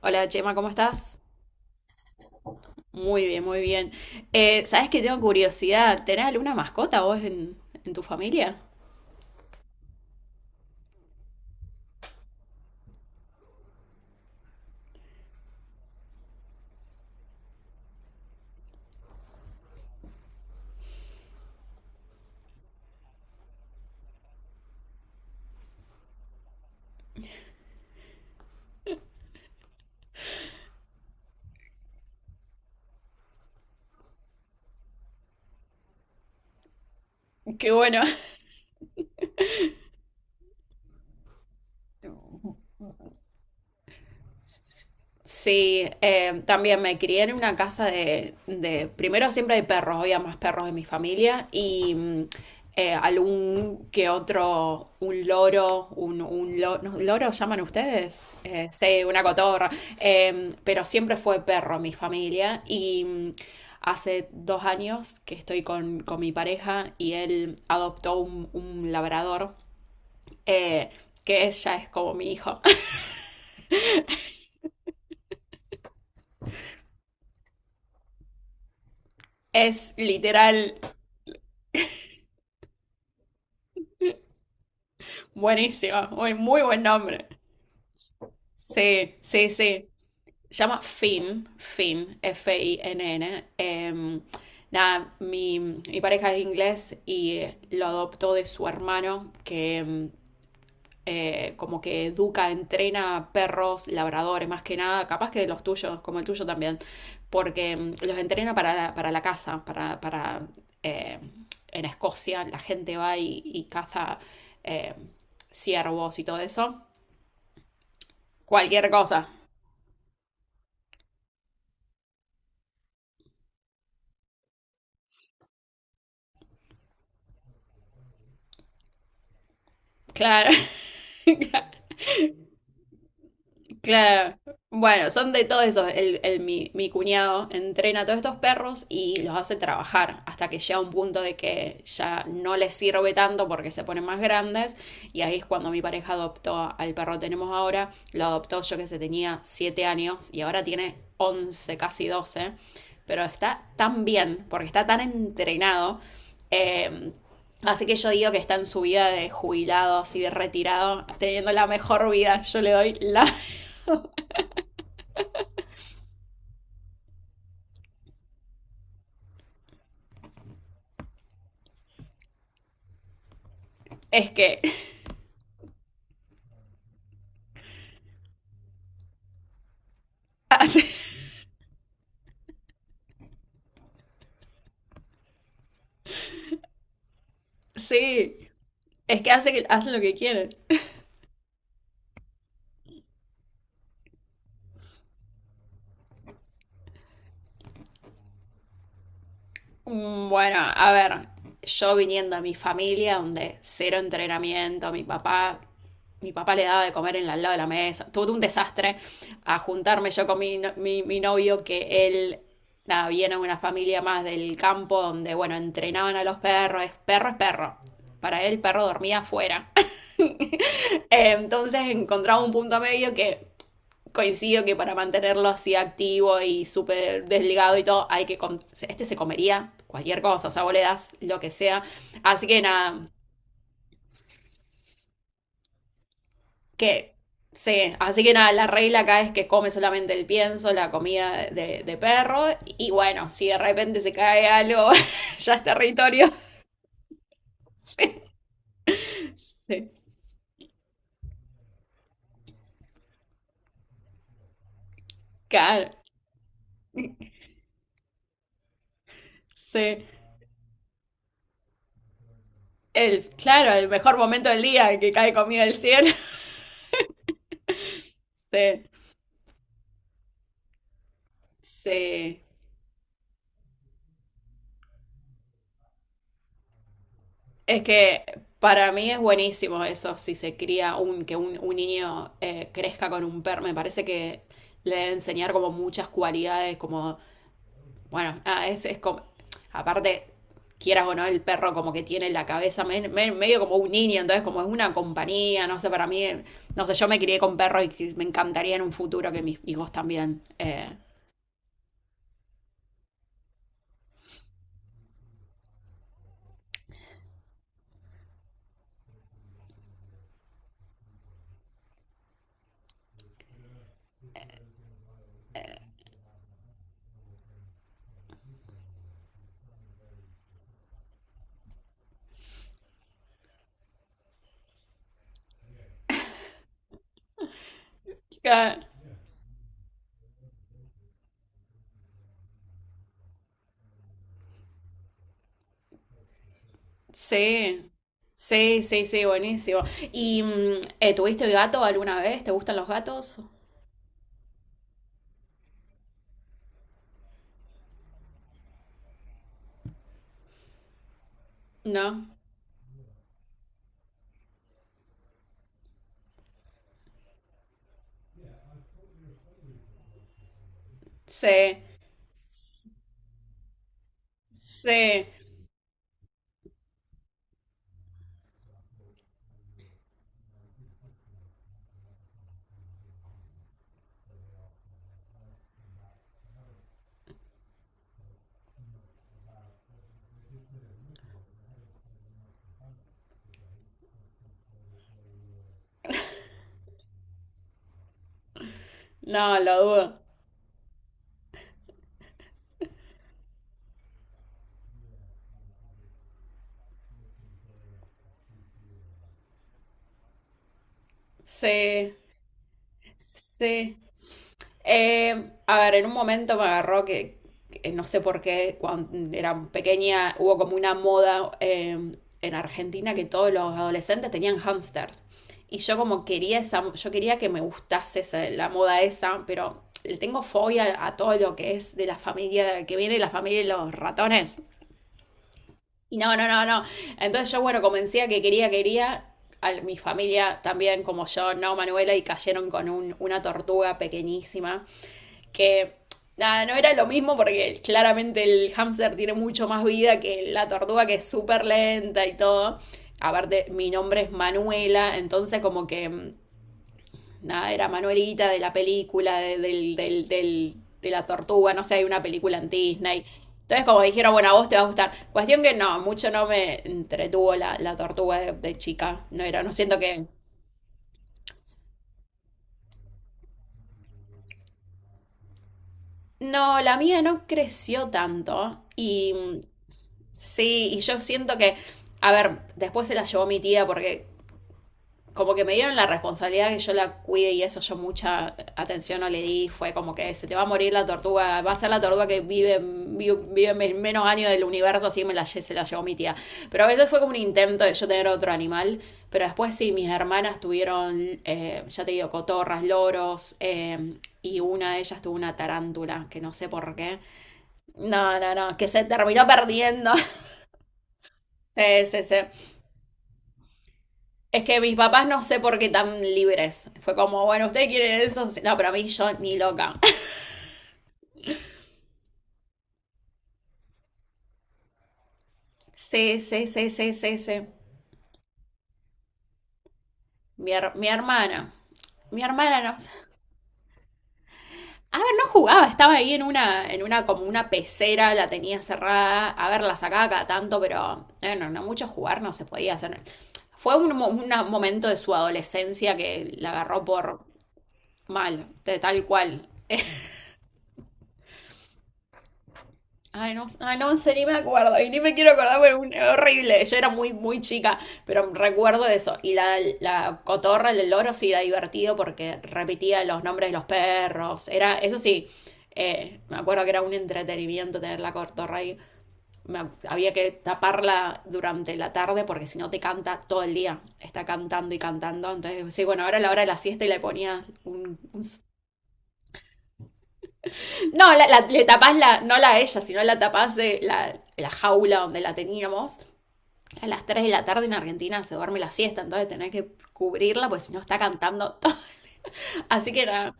Hola Chema, ¿cómo estás? Muy bien, muy bien. ¿Sabes que tengo curiosidad? ¿Tenés alguna mascota vos en tu familia? Qué bueno. Sí, también me crié en una casa de. Primero siempre hay perros, había más perros en mi familia y algún que otro, un loro, un lo- ¿no? loro, ¿llaman ustedes? Sí, una cotorra. Pero siempre fue perro mi familia y hace 2 años que estoy con mi pareja y él adoptó un labrador, eh, ya es como mi hijo. Es literal. Buenísimo, muy, muy buen nombre. Sí, sí, sí. Se llama Finn, Finn, Finn. Nada, mi pareja es inglés y lo adoptó de su hermano, que como que educa, entrena perros, labradores, más que nada, capaz que de los tuyos, como el tuyo también, porque los entrena para para la caza, para eh, en Escocia la gente va y caza, eh, ciervos y todo eso. Cualquier cosa. Claro. Claro. Bueno, son de todos esos. Mi cuñado entrena a todos estos perros y los hace trabajar hasta que llega un punto de que ya no les sirve tanto porque se ponen más grandes. Y ahí es cuando mi pareja adoptó al perro que tenemos ahora. Lo adoptó yo que se tenía 7 años y ahora tiene 11, casi 12. Pero está tan bien porque está tan entrenado. eh, Así que yo digo que está en su vida de jubilado, así de retirado, teniendo la mejor vida. Yo le doy la... Es que hace- sí, es que hacen lo que quieren. Bueno, a ver, yo viniendo a mi familia, donde cero entrenamiento, mi papá le daba de comer en al lado de la mesa, tuve un desastre a juntarme yo con mi, no- mi novio, que él, nada, viene de una familia más del campo, donde, bueno, entrenaban a los perros, es perro es perro. Para él, perro dormía afuera. Entonces encontraba un punto medio que coincido que para mantenerlo así activo y súper desligado y todo, hay que... Este se comería cualquier cosa, o sea, vos le das lo que sea. Así que nada, que... Sí, así que nada, la regla acá es que come solamente el pienso, la comida de perro, y bueno, si de repente se cae algo, ya es territorio. Sí, claro, sí. El, claro, el mejor momento del día que cae comida del cielo. Sí, sí. Es que para mí es buenísimo eso, si se cría un niño, crezca con un perro. Me parece que le debe enseñar como muchas cualidades, como, bueno, nada, es como, aparte, quieras o no, el perro como que tiene la cabeza medio como un niño, entonces como es una compañía, no sé, para mí, no sé, yo me crié con perros y que me encantaría en un futuro que mis hijos también. eh, Sí, sí, sí, sí, buenísimo. ¿Y tuviste el gato alguna vez? ¿Te gustan los gatos? No. Sí, sí. No, lo dudo. Sí, sí. A ver, en un momento me agarró que no sé por qué, cuando era pequeña, hubo como una moda, en Argentina que todos los adolescentes tenían hamsters. Y yo como quería esa, yo quería que me gustase la moda esa, pero le tengo fobia a todo lo que es de la familia, que viene de la familia de los ratones. Y no, no, no, no. Entonces yo, bueno, convencía que quería, quería. Mi familia también, como yo, no, Manuela, y cayeron con una tortuga pequeñísima que, nada, no era lo mismo porque claramente el hámster tiene mucho más vida que la tortuga que es súper lenta y todo. Aparte, mi nombre es Manuela, entonces como que nada, era Manuelita de la película, de, del, del, del- de la tortuga, no sé, hay una película en Disney. Entonces como dijeron, bueno, a vos te va a gustar. Cuestión que no, mucho no me entretuvo la tortuga de chica, no era, no siento que... No, la mía no creció tanto y... Sí, y yo siento que, a ver, después se la llevó mi tía porque como que me dieron la responsabilidad que yo la cuide y eso yo mucha atención no le di, fue como que se te va a morir la tortuga, va a ser la tortuga que vive, vive, vive menos años del universo, así me se la llevó mi tía. Pero a veces fue como un intento de yo tener otro animal, pero después sí, mis hermanas tuvieron, ya te digo, cotorras, loros, y una de ellas tuvo una tarántula, que no sé por qué. No, no, no, que se terminó perdiendo. Sí, sí, sí. Es que mis papás no sé por qué tan libres. Fue como, bueno, ¿ustedes quieren eso? Sí. No, pero a mí yo ni loca. Sí, sí, sí, sí, sí, sí. Mi hermana. Mi hermana no. A ver, no jugaba, estaba ahí en una, como una pecera, la tenía cerrada. A ver, la sacaba cada tanto, pero no, no mucho jugar no se podía hacer. Fue un, momento de su adolescencia que la agarró por mal, de tal cual. Ay, no sé, ni me acuerdo. Y ni me quiero acordar, pero es horrible. Yo era muy, muy chica, pero recuerdo eso. Y la cotorra, el loro, sí era divertido porque repetía los nombres de los perros. Era, eso sí, me acuerdo que era un entretenimiento tener la cotorra ahí. Había que taparla durante la tarde porque si no te canta todo el día. Está cantando y cantando. Entonces, sí, bueno, ahora a la hora de la siesta y le ponía un... No, le tapás la, no la ella, sino la tapás de la jaula donde la teníamos. A las 3 de la tarde en Argentina se duerme la siesta, entonces tenés que cubrirla, porque si no está cantando todo. Así que nada,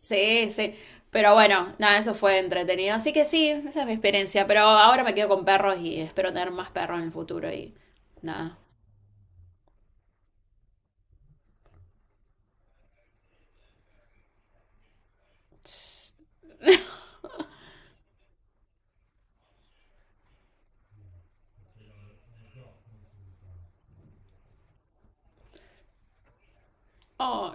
sí, sí. Pero bueno, nada, eso fue entretenido. Así que sí, esa es mi experiencia. Pero ahora me quedo con perros y espero tener más perros en el futuro y nada. Tss. Oh,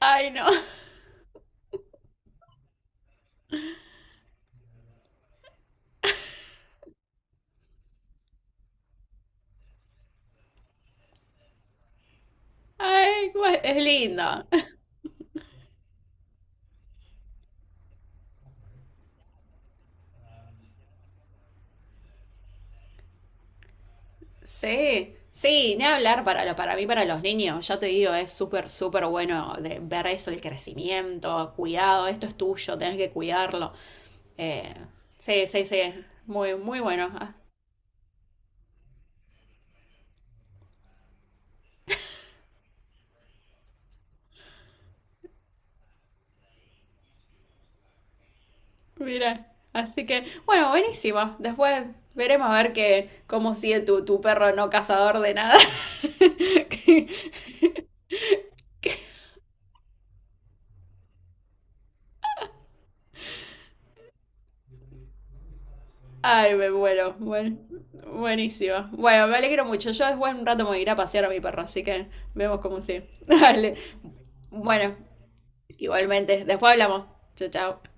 ay, no. Ay, es lindo. Sí, sí, ni hablar para, para mí, para los niños, ya te digo, es súper, súper bueno de ver eso, el crecimiento, cuidado, esto es tuyo, tenés que cuidarlo. Eh, sí, sí, sí, muy, muy bueno. Ah, mira, así que, bueno, buenísimo. Después veremos a ver que, cómo sigue tu perro no cazador de nada. Ay, me muero, bueno, buenísimo. Bueno, me alegro mucho. Yo después en un rato me voy a ir a pasear a mi perro, así que vemos cómo sigue. Dale. Bueno, igualmente, después hablamos. Chao, chao.